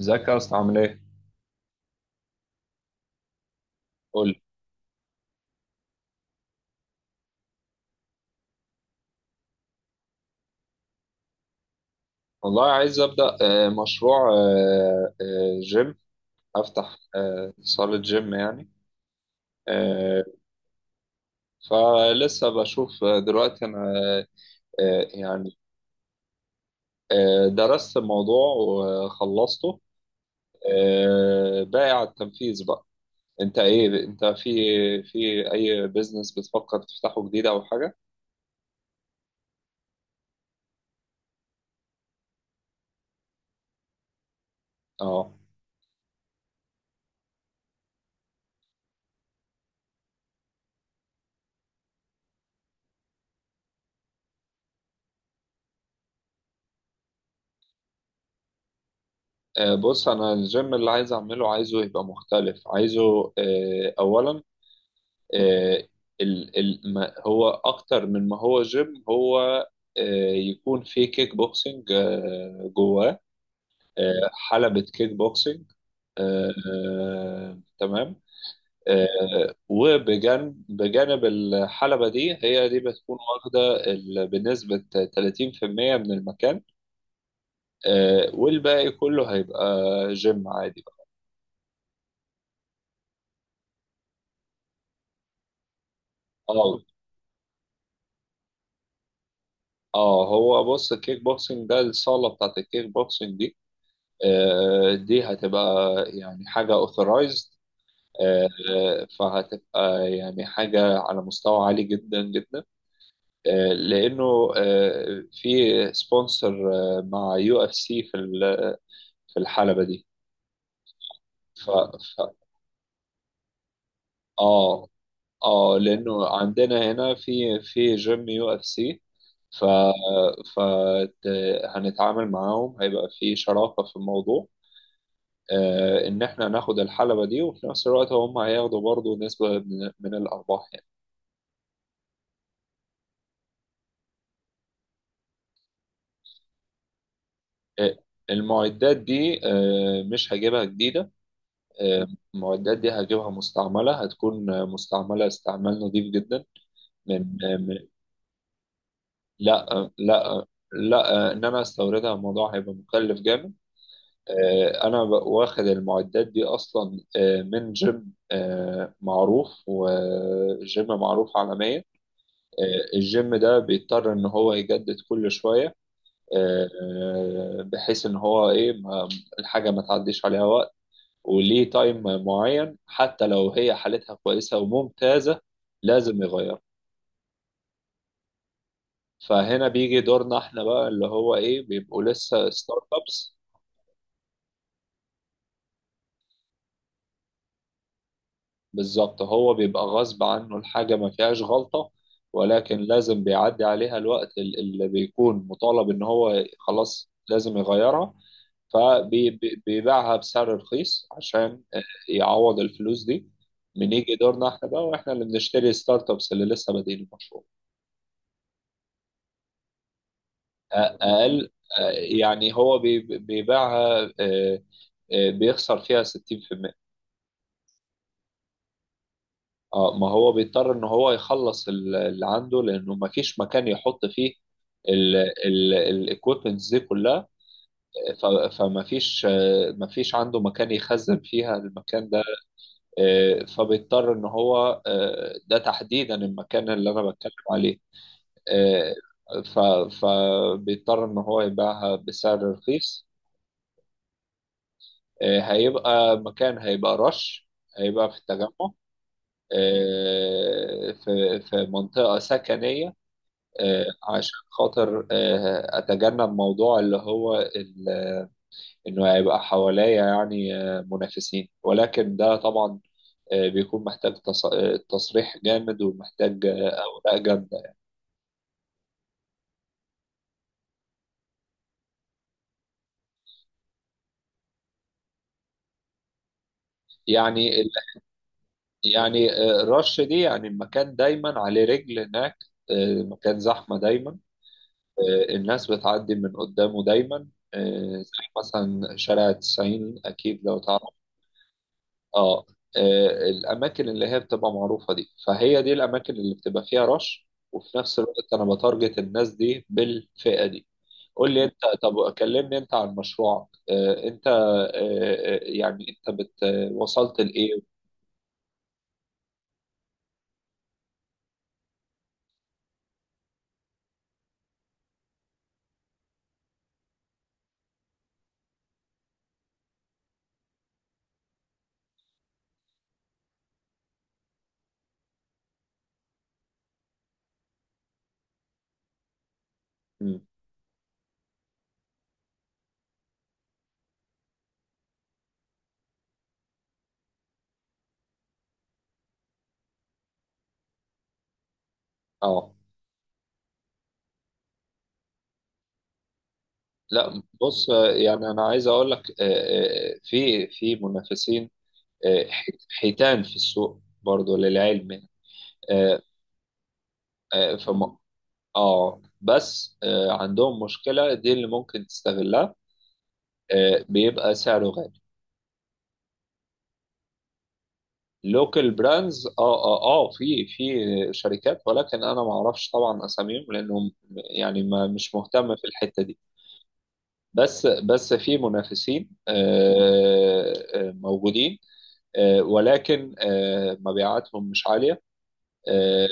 ازيك يا اسطى عامل ايه؟ قول لي. والله عايز ابدا، مشروع، جيم افتح صالة جيم يعني. آه، فلسه بشوف، دلوقتي انا يعني درست الموضوع وخلصته، باقي على التنفيذ بقى. انت ايه، انت في اي بيزنس بتفكر تفتحه جديد او حاجة؟ اه. بص، انا الجيم اللي عايز اعمله، عايزه يبقى مختلف، عايزه اولا، آه، ال ما هو اكتر من ما هو جيم، هو يكون في كيك بوكسينج جواه، حلبة كيك بوكسينج، تمام. وبجانب بجانب الحلبة دي، هي دي بتكون واخدة ال- بنسبة 30% من المكان، والباقي كله هيبقى جيم عادي بقى. اه اه، هو بص، الكيك بوكسينج ده، الصالة بتاعت الكيك بوكسينج دي، دي هتبقى يعني حاجة authorized، آه، فهتبقى يعني حاجة على مستوى عالي جدا جدا، لأنه في سبونسر مع يو اف سي في ال- في الحلبة دي. ف ف- اه اه، لأنه عندنا هنا في جيم يو اف سي، ف ف ت- هنتعامل معاهم، هيبقى في شراكة في الموضوع، ان احنا ناخد الحلبة دي، وفي نفس الوقت هم هياخدوا برضو نسبة من الارباح يعني. آه، المعدات دي مش هجيبها جديدة، آه، المعدات دي هجيبها مستعملة، هتكون مستعملة استعمال نظيف جدا، من آه، من- لا، لا، لا، ان انا استوردها الموضوع هيبقى مكلف جامد. انا واخد المعدات دي اصلا من جيم معروف، وجيم معروف عالميا. الجيم ده بيضطر ان هو يجدد كل شويه، بحيث ان هو ايه، الحاجه ما تعديش عليها وقت، وليه تايم معين، حتى لو هي حالتها كويسه وممتازه، لازم يغير. فهنا بيجي دورنا احنا بقى، اللي هو ايه، بيبقوا لسه ستارت ابس. بالظبط، هو بيبقى غصب عنه، الحاجه ما فيهاش غلطه، ولكن لازم بيعدي عليها الوقت ال- اللي بيكون مطالب ان هو خلاص لازم يغيرها. فبيبيعها بسعر رخيص عشان يعوض الفلوس دي، من يجي دورنا احنا بقى، واحنا اللي بنشتري ستارت ابس اللي لسه بادئين المشروع. أ- اقل. أ- يعني هو بيبيعها بيخسر فيها 60%. اه، ما هو بيضطر ان هو يخلص ال- اللي عنده، لانه ما فيش مكان يحط فيه الايكويبمنتس دي كلها، فما فيش، آه، ما فيش عنده مكان يخزن فيها المكان، فبيضطر ان هو ده تحديدا المكان اللي انا بتكلم عليه. آه، ف- فبيضطر ان هو يبيعها بسعر رخيص. هيبقى مكان، هيبقى رش، هيبقى في التجمع، في منطقة سكنية، عشان خاطر أتجنب موضوع اللي هو إنه هيبقى حواليا يعني منافسين. ولكن ده طبعا بيكون محتاج تصريح جامد، ومحتاج أوراق جامدة. يعني ال- يعني الرش دي يعني المكان دايما عليه رجل هناك، مكان زحمة دايما، الناس بتعدي من قدامه دايما، زي مثلا شارع 90، أكيد لو تعرف. اه. الأماكن اللي هي بتبقى معروفة دي، فهي دي الأماكن اللي بتبقى فيها رش، وفي نفس الوقت أنا بتارجت الناس دي بالفئة دي. قول لي انت، طب كلمني انت عن مشروعك. اه، انت يعني انت بت وصلت لايه. مم. اه، لا، بص، يعني انا عايز اقول لك، في منافسين، حيتان في السوق برضو للعلم. آه، آه، فم اه بس عندهم مشكلة، دي اللي ممكن تستغلها، بيبقى سعره غالي. لوكال براندز، اه اه اه، في شركات، ولكن انا ما اعرفش طبعا اساميهم، لانهم يعني ما، مش مهتم في الحته دي. بس في منافسين موجودين، ولكن مبيعاتهم مش عاليه. اه.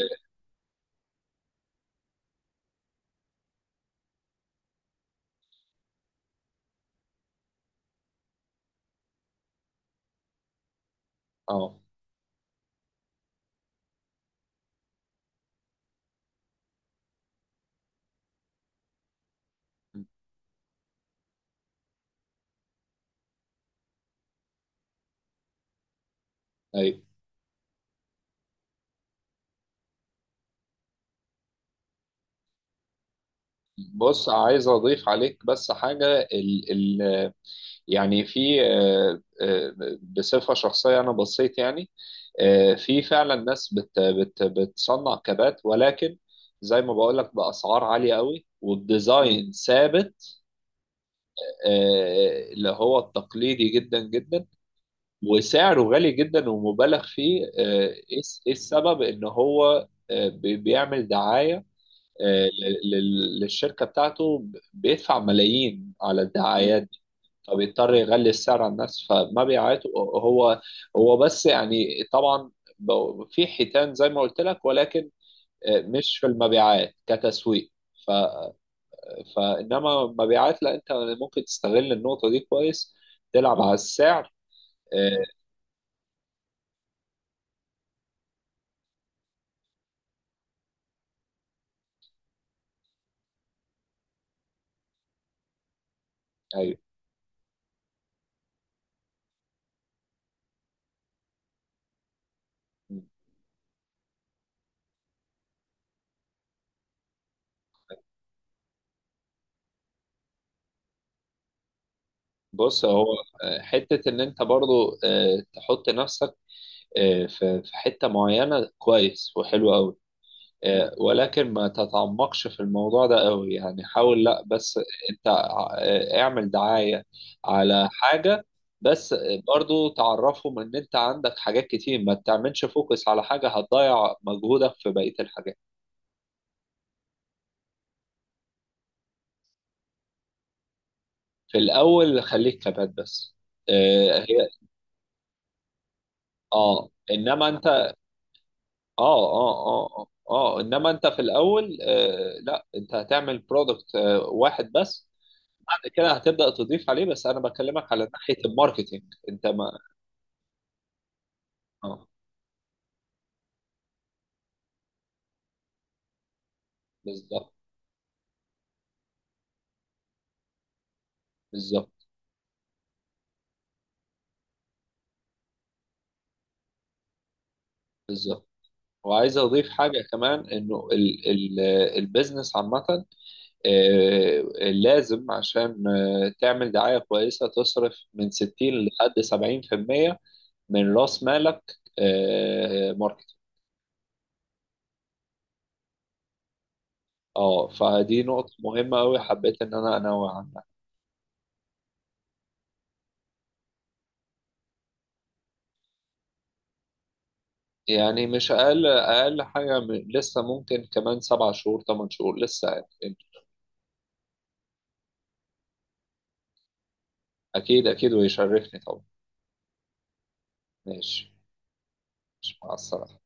آه. طيب، بص، عايز اضيف عليك بس حاجه. ال يعني في، بصفة شخصية أنا بصيت يعني في فعلا ناس بت بتصنع كبات، ولكن زي ما بقول لك بأسعار عالية قوي، والديزاين ثابت، اللي هو التقليدي جدا جدا، وسعره غالي جدا ومبالغ فيه، ايه إيه السبب؟ ان هو بيعمل دعاية، للشركة بتاعته، بيدفع ملايين على الدعايات، فبيضطر يغلي السعر على الناس، فما بيعيط هو، هو بس، يعني طبعا في حيتان زي ما قلت لك، ولكن مش في المبيعات كتسويق. ف فانما المبيعات، لا، انت ممكن تستغل النقطه دي كويس، تلعب على السعر. آه، ايوه بص هو حته ان انت برضو تحط نفسك في حته معينه كويس وحلو قوي، ولكن ما تتعمقش في الموضوع ده قوي يعني. حاول لا بس. انت اعمل دعاية على حاجة بس، برضو تعرفهم ان انت عندك حاجات كتير، ما تعملش فوكس على حاجة هتضيع مجهودك في بقية الحاجات. في الاول خليك كبات بس. هي اه، انما انت اه انما انت في الاول، آه لا، انت هتعمل برودكت آه، واحد بس، كده هتبدأ تضيف عليه، بس انا بكلمك على ناحية الماركتينج. انت ما اه، بالظبط بالظبط بالظبط. وعايز اضيف حاجة كمان، انه ال البيزنس عامة، آه، لازم عشان تعمل دعاية كويسة، تصرف من 60 لحد 70% من رأس مالك ماركتينج. اه، فدي نقطة مهمة قوي، حبيت ان انا انوه عنها. يعني مش اقل اقل حاجة لسه، ممكن كمان 7 شهور 8 شهور لسه يعني. أكيد أكيد، ويشرفني طبعا. ماشي. مش، مع السلامة.